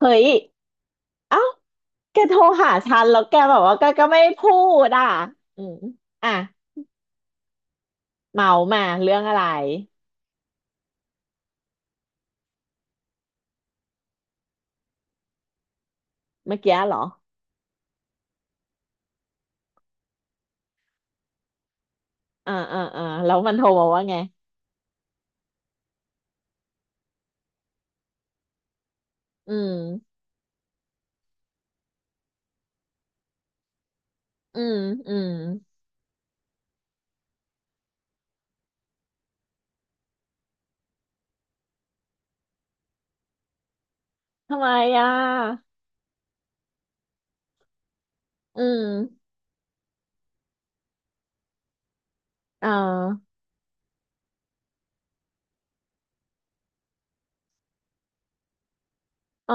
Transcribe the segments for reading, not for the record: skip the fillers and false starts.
เฮ้ยเอ้าแกโทรหาฉันแล้วแกแบบว่าแกก็ไม่พูดอ่ะอืมอ่ะเมามาเรื่องอะไรเมื่อกี้เหรออ่าอ่าอ่าแล้วมันโทรมาว่าไงอืมอืมอืมทำไมอ่ะอืมอ่าอ่า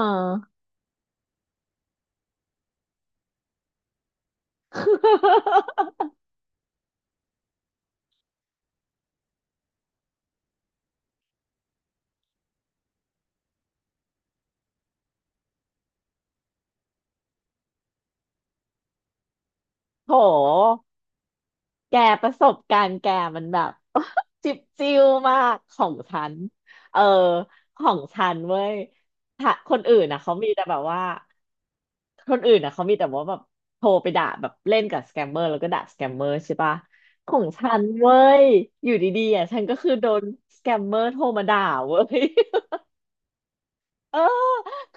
โหแกประสบการณ์แกมันแบบจิบจิ้วมากของฉันเออของฉันเว้ยถ้าคนอื่นนะเขามีแต่แบบว่า คนอื่นอ่ะเขามีแต่ว่าแบบโทรไปด่าแบบเล่นกับสแกมเมอร์แล้วก็ด่าสแกมเมอร์ใช่ปะของฉันเว้ยอยู่ดีๆอ่ะฉันก็คือโดนสแกมเมอร์โทรมาด่าเว้ย เออ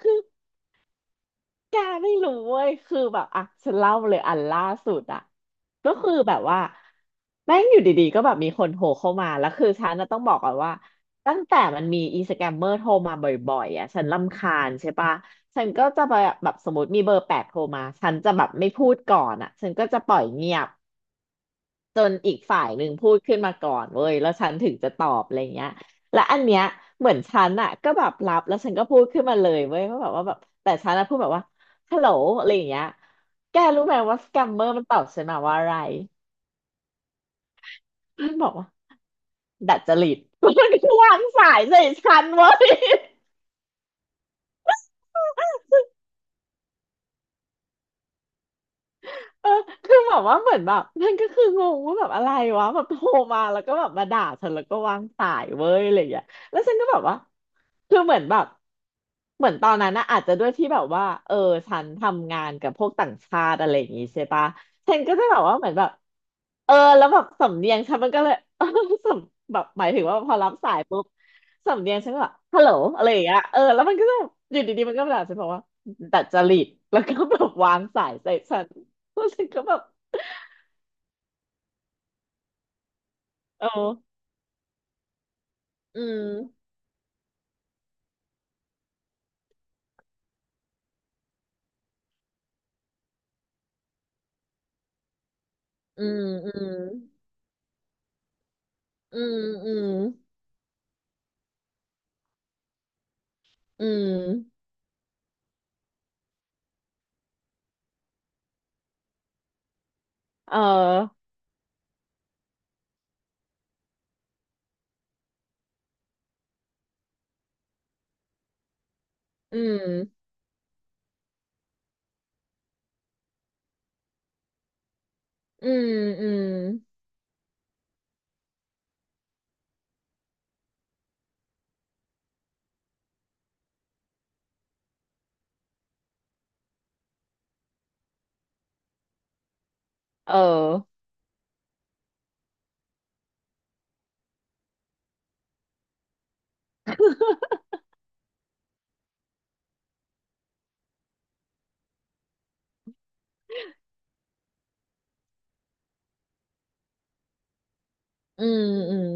คือ แกไม่รู้เว้ยคือแบบอ่ะฉันเล่าเลยอันล่าสุดอ่ะก็คือแบบว่าแม่งอยู่ดีๆก็แบบมีคนโทรเข้ามาแล้วคือฉันน่ะต้องบอกก่อนว่าตั้งแต่มันมีอีสแกมเมอร์โทรมาบ่อยๆอ่ะฉันรำคาญใช่ปะฉันก็จะแบบสมมติมีเบอร์แปดโทรมาฉันจะแบบไม่พูดก่อนอ่ะฉันก็จะปล่อยเงียบ จนอีกฝ่ายหนึ่งพูดขึ้นมาก่อนเว้ยแล้วฉันถึงจะตอบอะไรเงี้ยและอันเนี้ยเหมือนฉันอะก็แบบรับแล้วฉันก็พูดขึ้นมาเลยเว้ยว่าแบบว่าแบบแต่ฉันอะพูดแบบว่าฮัลโหลอะไรอย่างเงี้ยแกรู้ไหมว่าสแกมเมอร์มันตอบฉันมาว่าอะไรมันบอกว่าดัดจริตมันก็วางสายใส่ฉันเว้ย เออคือแบบว่าเหมือนแบบนั่นก็คืองงว่าแบบอะไรวะแบบโทรมาแล้วก็แบบมาด่าฉันแล้วก็วางสายเว้ยอะไรอย่างเงี้ยแล้วฉันก็แบบว่าคือเหมือนแบบเหมือนตอนนั้นนะอาจจะด้วยที่แบบว่าเออฉันทำงานกับพวกต่างชาติอะไรอย่างงี้ใช่ปะฉันก็จะแบบว่าเหมือนแบบเออแล้วแบบสำเนียงฉันมันก็เลย เออสำแบบหมายถึงว่าพอรับสายปุ๊บสำเนียงฉันก็แบบฮัลโหลอะไรอย่างเงี้ยเออแล้วมันก็จะอยู่ดีๆมันก็มาด่าฉันบอกว่าดัดจริตแล้วก็แบบวางสายใส่ฉัน รู้สึกก็แบบโอ้อืมอืมอืมอืมอืมอืมเอออืมอืมอืมเอออืมอืม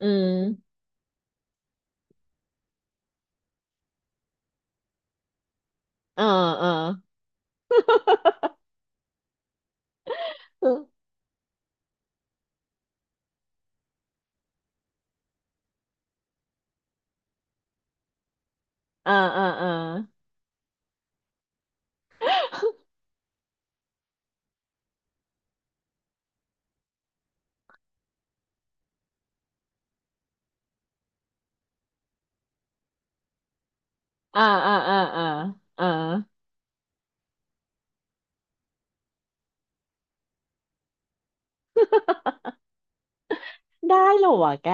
อืมอ่าอ่าอ่าอ่าอ่าอ่าอ่าอ่าอ่าอ่าได้เหรอวะแก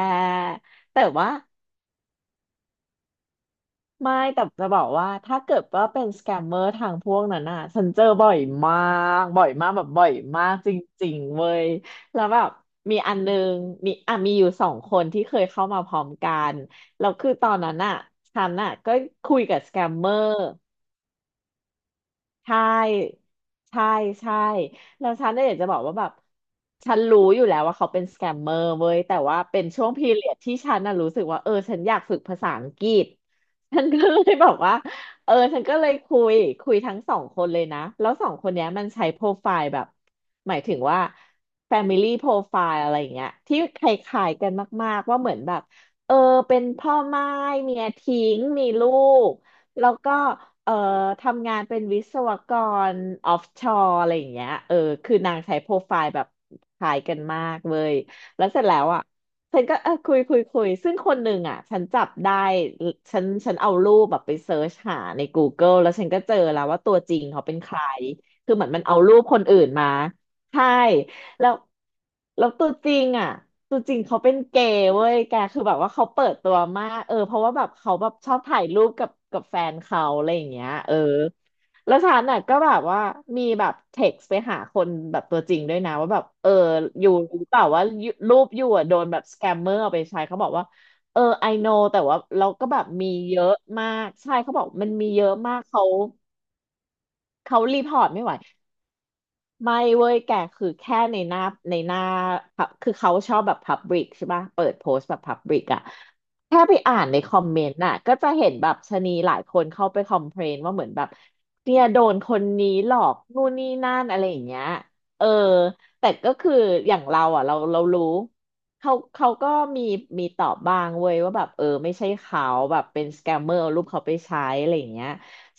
แต่ว่า ไม่แต่จะบอกว่าถ้าเกิดว่าเป็นสแกมเมอร์ทางพวกนั้นน่ะฉันเจอบ่อยมากแบบบ่อยมากจริงๆเว้ยแล้วแบบมีอันนึงมีอ่ะมีอยู่สองคนที่เคยเข้ามาพร้อมกันแล้วคือตอนนั้นน่ะฉันน่ะก็คุยกับสแกมเมอร์ ใช่ใช่ใช่แล้วฉันเนี่ยอยากจะบอกว่าแบบฉันรู้อยู่แล้วว่าเขาเป็นสแกมเมอร์เว้ยแต่ว่าเป็นช่วงพีเรียดที่ฉันน่ะรู้สึกว่าเออฉันอยากฝึกภาษาอังกฤษฉันก็เลยบอกว่าเออฉันก็เลยคุยทั้งสองคนเลยนะแล้วสองคนเนี้ยมันใช้โปรไฟล์แบบหมายถึงว่า Family Profile อะไรอย่างเงี้ยที่คล้ายๆกันมากๆว่าเหมือนแบบเออเป็นพ่อม่ายเมียทิ้งมีลูกแล้วก็ เอ่อทำงานเป็นวิศวกรออฟชอร์อะไรอย่างเงี้ยเออคือนางใช้โปรไฟล์แบบคล้ายกันมากเว้ยแล้วเสร็จแล้วอ่ะฉันก็เออคุยซึ่งคนหนึ่งอ่ะฉันจับได้ฉันเอารูปแบบไปเซิร์ชหาใน Google แล้วฉันก็เจอแล้วว่าตัวจริงเขาเป็นใครคือเหมือนมันเอารูปคนอื่นมาใช่ แล้วตัวจริงอ่ะตัวจริงเขาเป็นเกย์เว้ยแกคือแบบว่าเขาเปิดตัวมากเออเพราะว่าแบบเขาแบบชอบถ่ายรูปกับแฟนเขาอะไรอย่างเงี้ยเออแล้วฉันน่ะก็แบบว่ามีแบบเท็กซ์ไปหาคนแบบตัวจริงด้วยนะว่าแบบเอออยู่รู้เปล่าว่ายูรูปอยู่อะโดนแบบสแกมเมอร์เอาไปใช้เขาบอกว่าเออ I know แต่ว่าเราก็แบบมีเยอะมากใช่เขาบอกมันมีเยอะมากเขาเขารีพอร์ตไม่ไหว ไม่เว้ยแกคือแค่ในหน้าในหน้า pub- คือเขาชอบแบบพับลิกใช่ป่ะเปิดโพสต์แบบพับลิกอะแค่ไปอ่านในคอมเมนต์น่ะก็จะเห็นแบบชะนีหลายคนเข้าไปคอมเพลนว่าเหมือนแบบเนี่ยโดนคนนี้หลอกนู่นนี่นั่นอะไรอย่างเงี้ยเออแต่ก็คืออย่างเราอ่ะเรารู้เขาก็มีตอบบ้างเว้ยว่าแบบเออไม่ใช่เขาแบบเป็นสแกมเมอร์เอารูปเขาไปใช้อะไรอย่างเงี้ย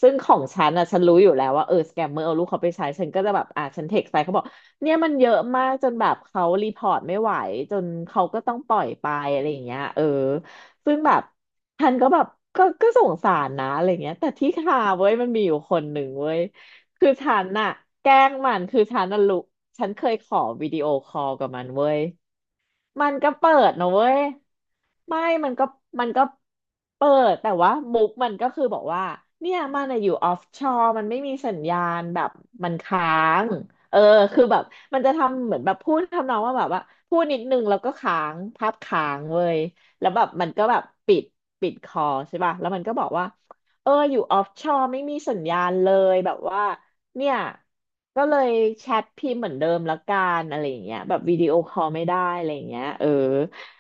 ซึ่งของฉันอ่ะฉันรู้อยู่แล้วว่าสแกมเมอร์เอาลูกเขาไปใช้ฉันก็จะแบบอ่ะฉันเทคไปเขาบอกเนี่ยมันเยอะมากจนแบบเขารีพอร์ตไม่ไหวจนเขาก็ต้องปล่อยไปอะไรอย่างเงี้ยเออซึ่งแบบฉันก็แบบก็สงสารนะอะไรเงี้ยแต่ที่คาเว้ยมันมีอยู่คนหนึ่งเว้ยคือฉันน่ะแกล้งมันคือฉันน่ะรู้ฉันเคยขอวิดีโอคอลกับมันเว้ย มันก็เปิดนะเว้ยไม่มันก็มันก็เปิดแต่ว่ามุกมันก็คือบอกว่าเนี่ยมันอะอยู่ออฟชอร์มันไม่มีสัญญาณแบบมันค้างเออคือแบบมันจะทำเหมือนแบบพูดทำนองว่าแบบว่าพูดนิดนึงแล้วก็ค้างภาพค้างเว้ยแล้วแบบมันก็แบบปิดปิดคอใช่ป่ะแล้วมันก็บอกว่าเอออยู่ออฟชอร์ไม่มีสัญญาณเลยแบบว่า เนี่ยก็เลยแชทพิมพ์เหมือนเดิมละกันอะไรอย่างเงี้ยแบบวิดีโอคอลไม่ได้อะไรอย่างเงี้ยเออ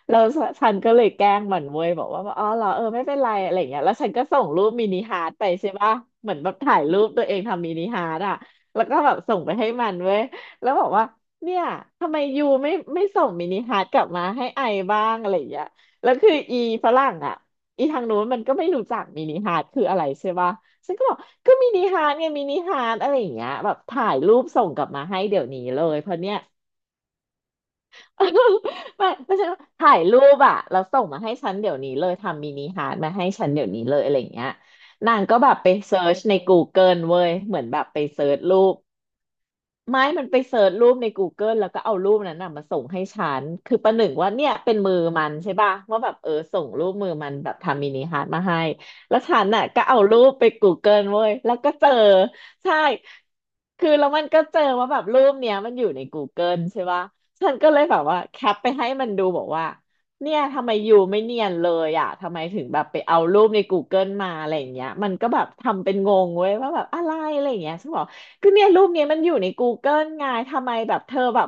แล้วฉันก็เลยแกล้งมันเว้ยบอกว่าอ๋อเหรอเออไม่เป็นไรอะไรอย่างเงี้ยแล้วฉันก็ส่งรูปมินิฮาร์ทไปใช่ป่ะเหมือนแบบถ่ายรูปตัวเองทำมินิฮาร์ทอ่ะแล้วก็แบบส่งไปให้มันเว้ยแล้วบอกว่าเนี่ยทำไมยูไม่ส่งมินิฮาร์ทกลับมาให้ไอบ้างอะไรอย่างเงี้ยแล้วคืออีฝรั่งอ่ะอีทางนู้นมันก็ไม่รู้จักมินิฮาร์ทคืออะไรใช่ป่ะ ฉันก็บอกก็มินิฮาร์ทไงมินิฮาร์ทอะไรอย่างเงี้ยแบบถ่ายรูปส่งกลับมาให้เดี๋ยวนี้เลยเพราะเนี้ย ไม่ไม่ใช่ว่าถ่ายรูปอะแล้วส่งมาให้ฉันเดี๋ยวนี้เลยทำมินิฮาร์ทมาให้ฉันเดี๋ยวนี้เลยอะไรอย่างเงี้ยนางก็แบบไปเซิร์ชใน Google เว้ยเหมือนแบบไปเซิร์ชรูป ไม่มันไปเสิร์ชรูปใน Google แล้วก็เอารูปนั้นน่ะมาส่งให้ฉันคือประหนึ่งว่าเนี่ยเป็นมือมันใช่ป่ะว่าแบบเออส่งรูปมือมันแบบทำมินิฮาร์ดมาให้แล้วฉันน่ะก็เอารูปไปกูเกิลเว้ยแล้วก็เจอใช่คือแล้วมันก็เจอว่าแบบรูปเนี้ยมันอยู่ใน Google ใช่ป่ะฉันก็เลยแบบว่าแคปไปให้มันดูบอกว่าเนี่ยทำไมอยูไม่เนียนเลยอ่ะทำไมถึงแบบไปเอารูปในก o เกิลมาอะไรอย่างเงี้ยมันก็แบบทำเป็นงงเว้ยว่าแบบอะไรอะไรอย่างเงี้ยฉันบอก ก็เนี่ยรูปเนี้ยมันอยู่ใน Google ไงทำไมแบบเธอแบบ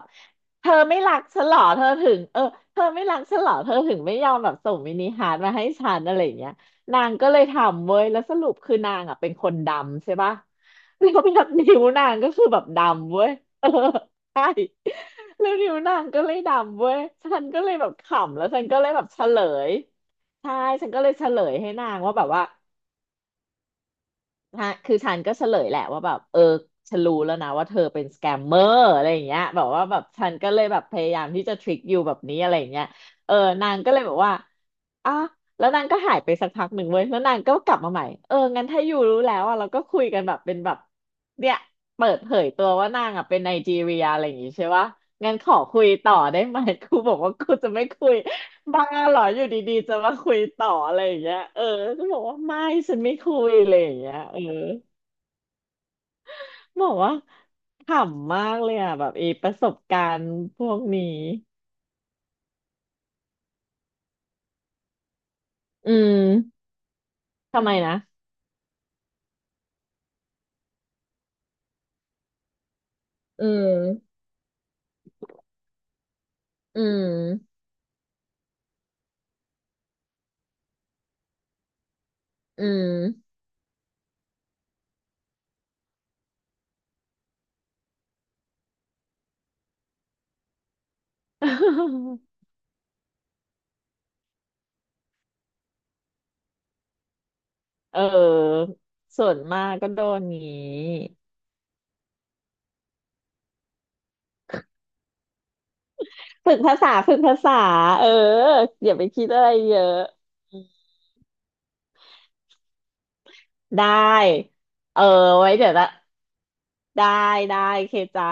เธอไม่รักฉันเหรอเธอถึงเออเธอไม่รักฉันเหรอเธอถึงไม่ยอมแบบส่งมินิฮาร์ทมาให้ฉันอะไรอย่างเงี้ยนางก็เลยทำเว้ยแล้วสรุปคือนางอ่ะเป็นคนดำใช่ปะ แล้วแบบนิ้วนางก็คือแบบดำเว้ย เออใช่แล้วนิ้วนางก็เลยดำเว้ยฉันก็เลยแบบขำแล้วฉันก็เลยแบบเฉลยใช่ฉันก็เลยเฉลยให้นางว่าแบบว่า ฮะคือฉันก็เฉลยแหละว่าแบบเออฉันรู้แล้วนะว่าเธอเป็นสแกมเมอร์อะไรอย่างเงี้ยแบบว่าแบบฉันก็เลยแบบพยายามที่จะทริคยูแบบนี้อะไรอย่างเงี้ยเออนางก็เลยบอกว่าอ่ะแล้วนางก็หายไปสักพักหนึ่งเว้ย แล้วนางก็กลับมาใหม่เอองั้นถ้ายูรู้แล้วอ่ะเราก็คุยกันแบบเป็นแบบเนี่ยเปิดเผยตัวว่านางอ่ะเป็นไนจีเรียอะไรอย่างงี้ใช่ปะงั้นขอคุยต่อได้ไหมกูบอกว่ากูจะไม่คุย บ้าเหรออยู่ดีๆจะมาคุยต่ออะไรอย่างเงี้ยเออก็บอกว่าไม่ฉันไม่คุยอะไรอย่างเงี้ยเออบอกว่าขำมากเลยอ่ะแบบไอีประสบการณ์พวกนี้อืมทำไมนะอืมอืมอืม เออส่วนมากก็โดนงี้ฝึกภาษาเอออย่าไปคิดอะไรเยอะได้เออไว้เดี๋ยวละได้ได้เคจ้า